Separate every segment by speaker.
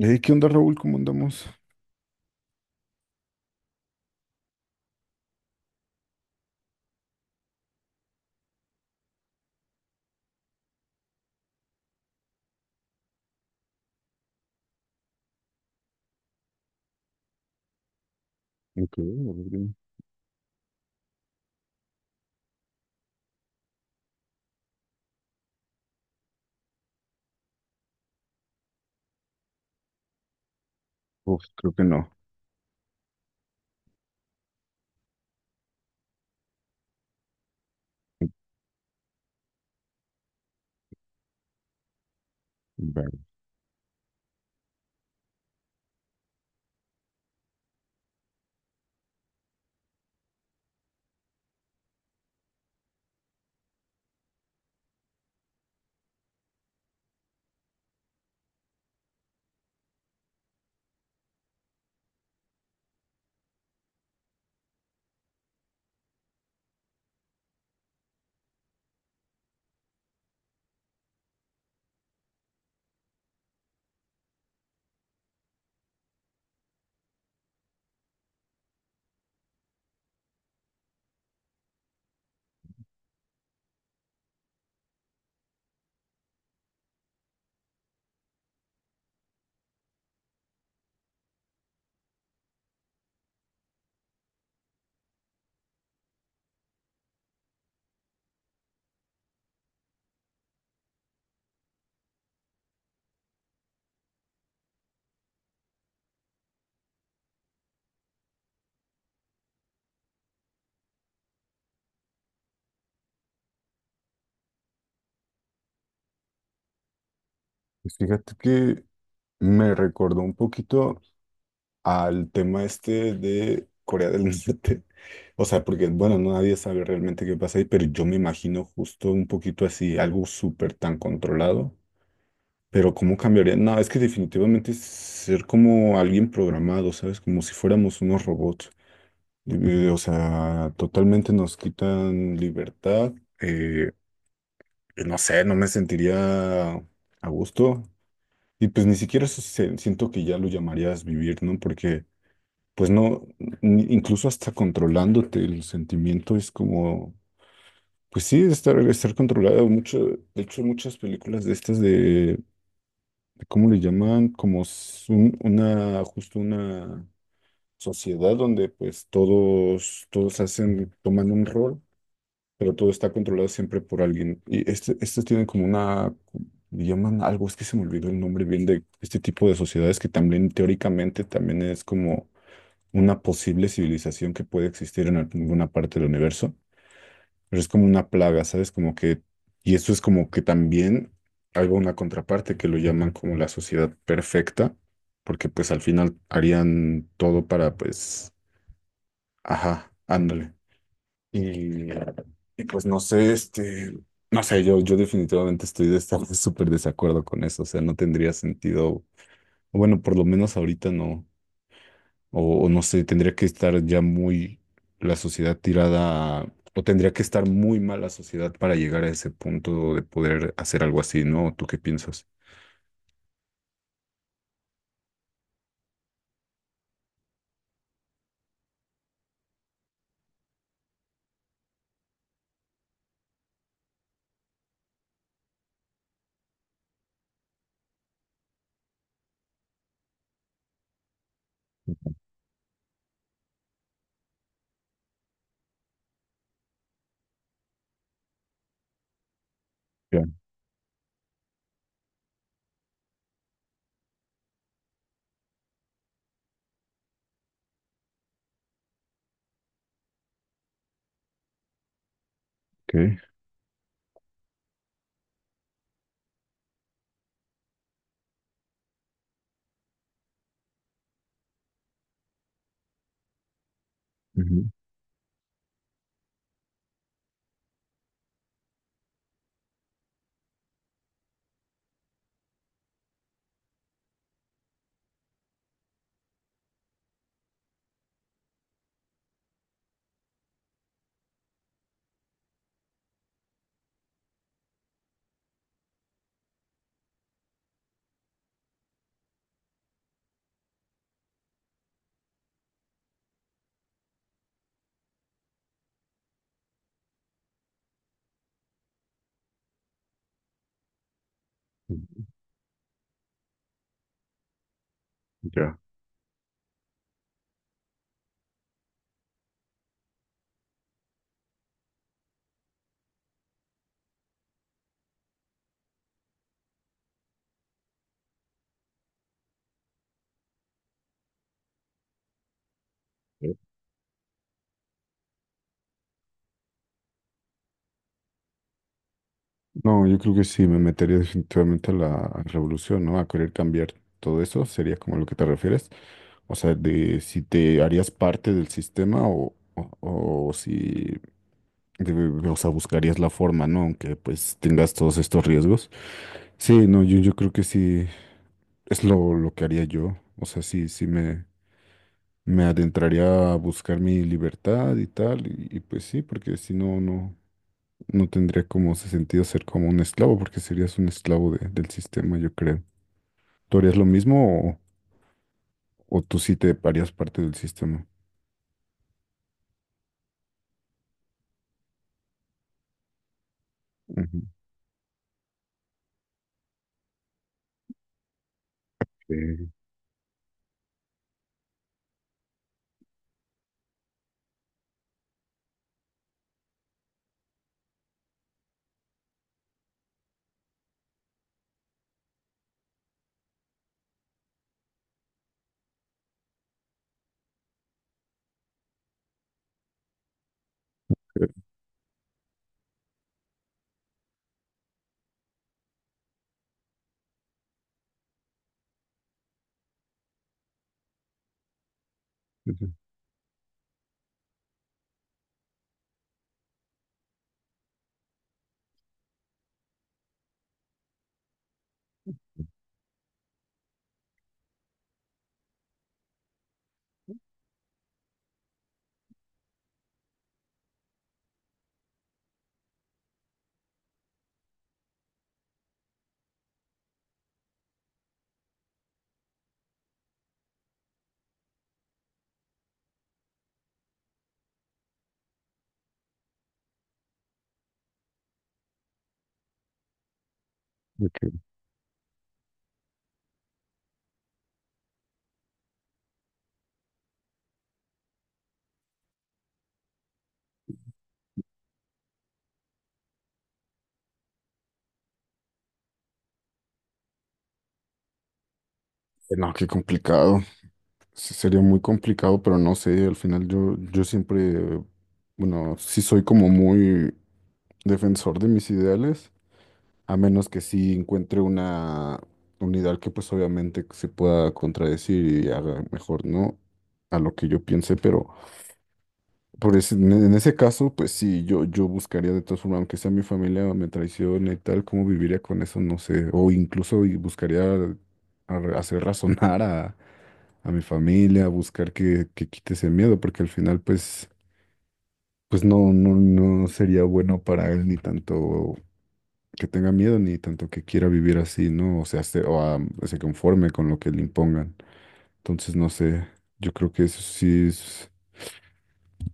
Speaker 1: Ey, ¿qué onda, Raúl? ¿Cómo andamos? Ok, Rodrigo. Uf, creo que no. Vale. Pues fíjate que me recordó un poquito al tema este de Corea del Norte. O sea, porque, bueno, no, nadie sabe realmente qué pasa ahí, pero yo me imagino justo un poquito así, algo súper tan controlado. Pero ¿cómo cambiaría? No, es que definitivamente es ser como alguien programado, ¿sabes? Como si fuéramos unos robots. O sea, totalmente nos quitan libertad. eh, no sé, no me sentiría a gusto. Y pues ni siquiera siento que ya lo llamarías vivir, ¿no? Porque pues no, incluso hasta controlándote el sentimiento es como, pues sí, estar controlado. Mucho, de hecho, muchas películas de estas de ¿cómo le llaman? Como justo una sociedad donde pues todos hacen, toman un rol. Pero todo está controlado siempre por alguien. Y este, estos tienen como una, le llaman algo, es que se me olvidó el nombre bien de este tipo de sociedades que también teóricamente también es como una posible civilización que puede existir en alguna parte del universo, pero es como una plaga, ¿sabes? Como que, y esto es como que también hay una contraparte que lo llaman como la sociedad perfecta, porque pues al final harían todo para pues, ajá, ándale. Y, y pues no sé, este, no sé, yo definitivamente estoy de estar súper desacuerdo con eso, o sea, no tendría sentido, o bueno, por lo menos ahorita no, o no sé, tendría que estar ya muy la sociedad tirada, o tendría que estar muy mal la sociedad para llegar a ese punto de poder hacer algo así, ¿no? ¿Tú qué piensas? Ya, ok. Ujú. Ya. No, yo creo que sí, me metería definitivamente a la revolución, ¿no? A querer cambiar todo eso, sería como lo que te refieres. O sea, de si te harías parte del sistema o si, o sea, buscarías la forma, ¿no? Aunque pues tengas todos estos riesgos. Sí, no, yo creo que sí, es lo que haría yo. O sea, sí, me adentraría a buscar mi libertad y tal, y pues sí, porque si no, no. No tendría como ese sentido ser como un esclavo, porque serías un esclavo del sistema, yo creo. ¿Tú harías lo mismo o tú sí te harías parte del sistema? Ujú. Sí, creo que sí. Ok. No, qué complicado. Sí, sería muy complicado, pero no sé, al final yo siempre, bueno, sí soy como muy defensor de mis ideales, a menos que sí encuentre un ideal que pues obviamente se pueda contradecir y haga mejor, ¿no? A lo que yo piense, pero... Por en ese caso, pues sí, yo buscaría de todas formas, aunque sea mi familia me traicione y tal, ¿cómo viviría con eso? No sé. O incluso y buscaría hacer razonar a mi familia, buscar que quite ese miedo, porque al final, pues, pues no, no sería bueno para él ni tanto que tenga miedo, ni tanto que quiera vivir así, ¿no? O sea, o se conforme con lo que le impongan. Entonces, no sé, yo creo que eso sí es.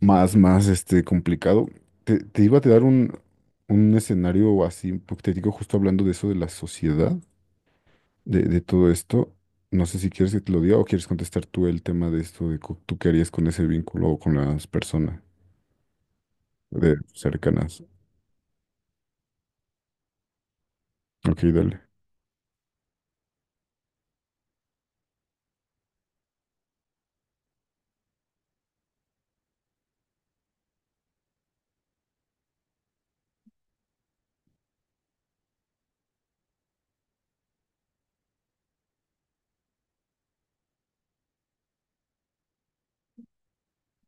Speaker 1: Más, complicado. Te iba a dar un escenario así hipotético, justo hablando de eso de la sociedad, de todo esto. No sé si quieres que te lo diga o quieres contestar tú el tema de esto, tú qué harías con ese vínculo o con las personas de cercanas. Ok, dale.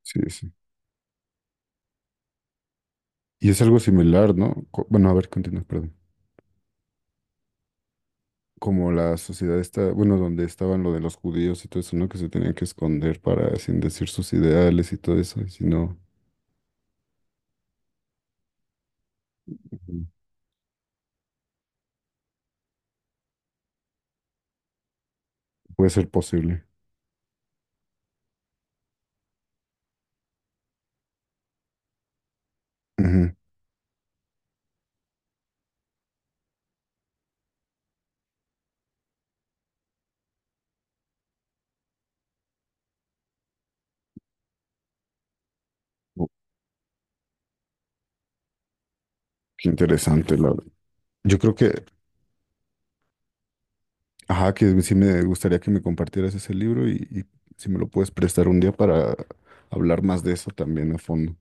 Speaker 1: Sí, sí. Y es algo similar, ¿no? Co- Bueno, a ver, continúa, perdón. Como la sociedad está, bueno, donde estaban lo de los judíos y todo eso, ¿no? Que se tenían que esconder para, sin decir sus ideales y todo eso, y si no, Ujú. Puede ser posible. Ujú. Oh, qué interesante, Laura. Yo creo que, ajá, que sí me gustaría que me compartieras ese libro y si me lo puedes prestar un día para hablar más de eso también a fondo.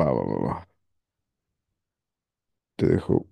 Speaker 1: Va, va, va, va. Te dejo.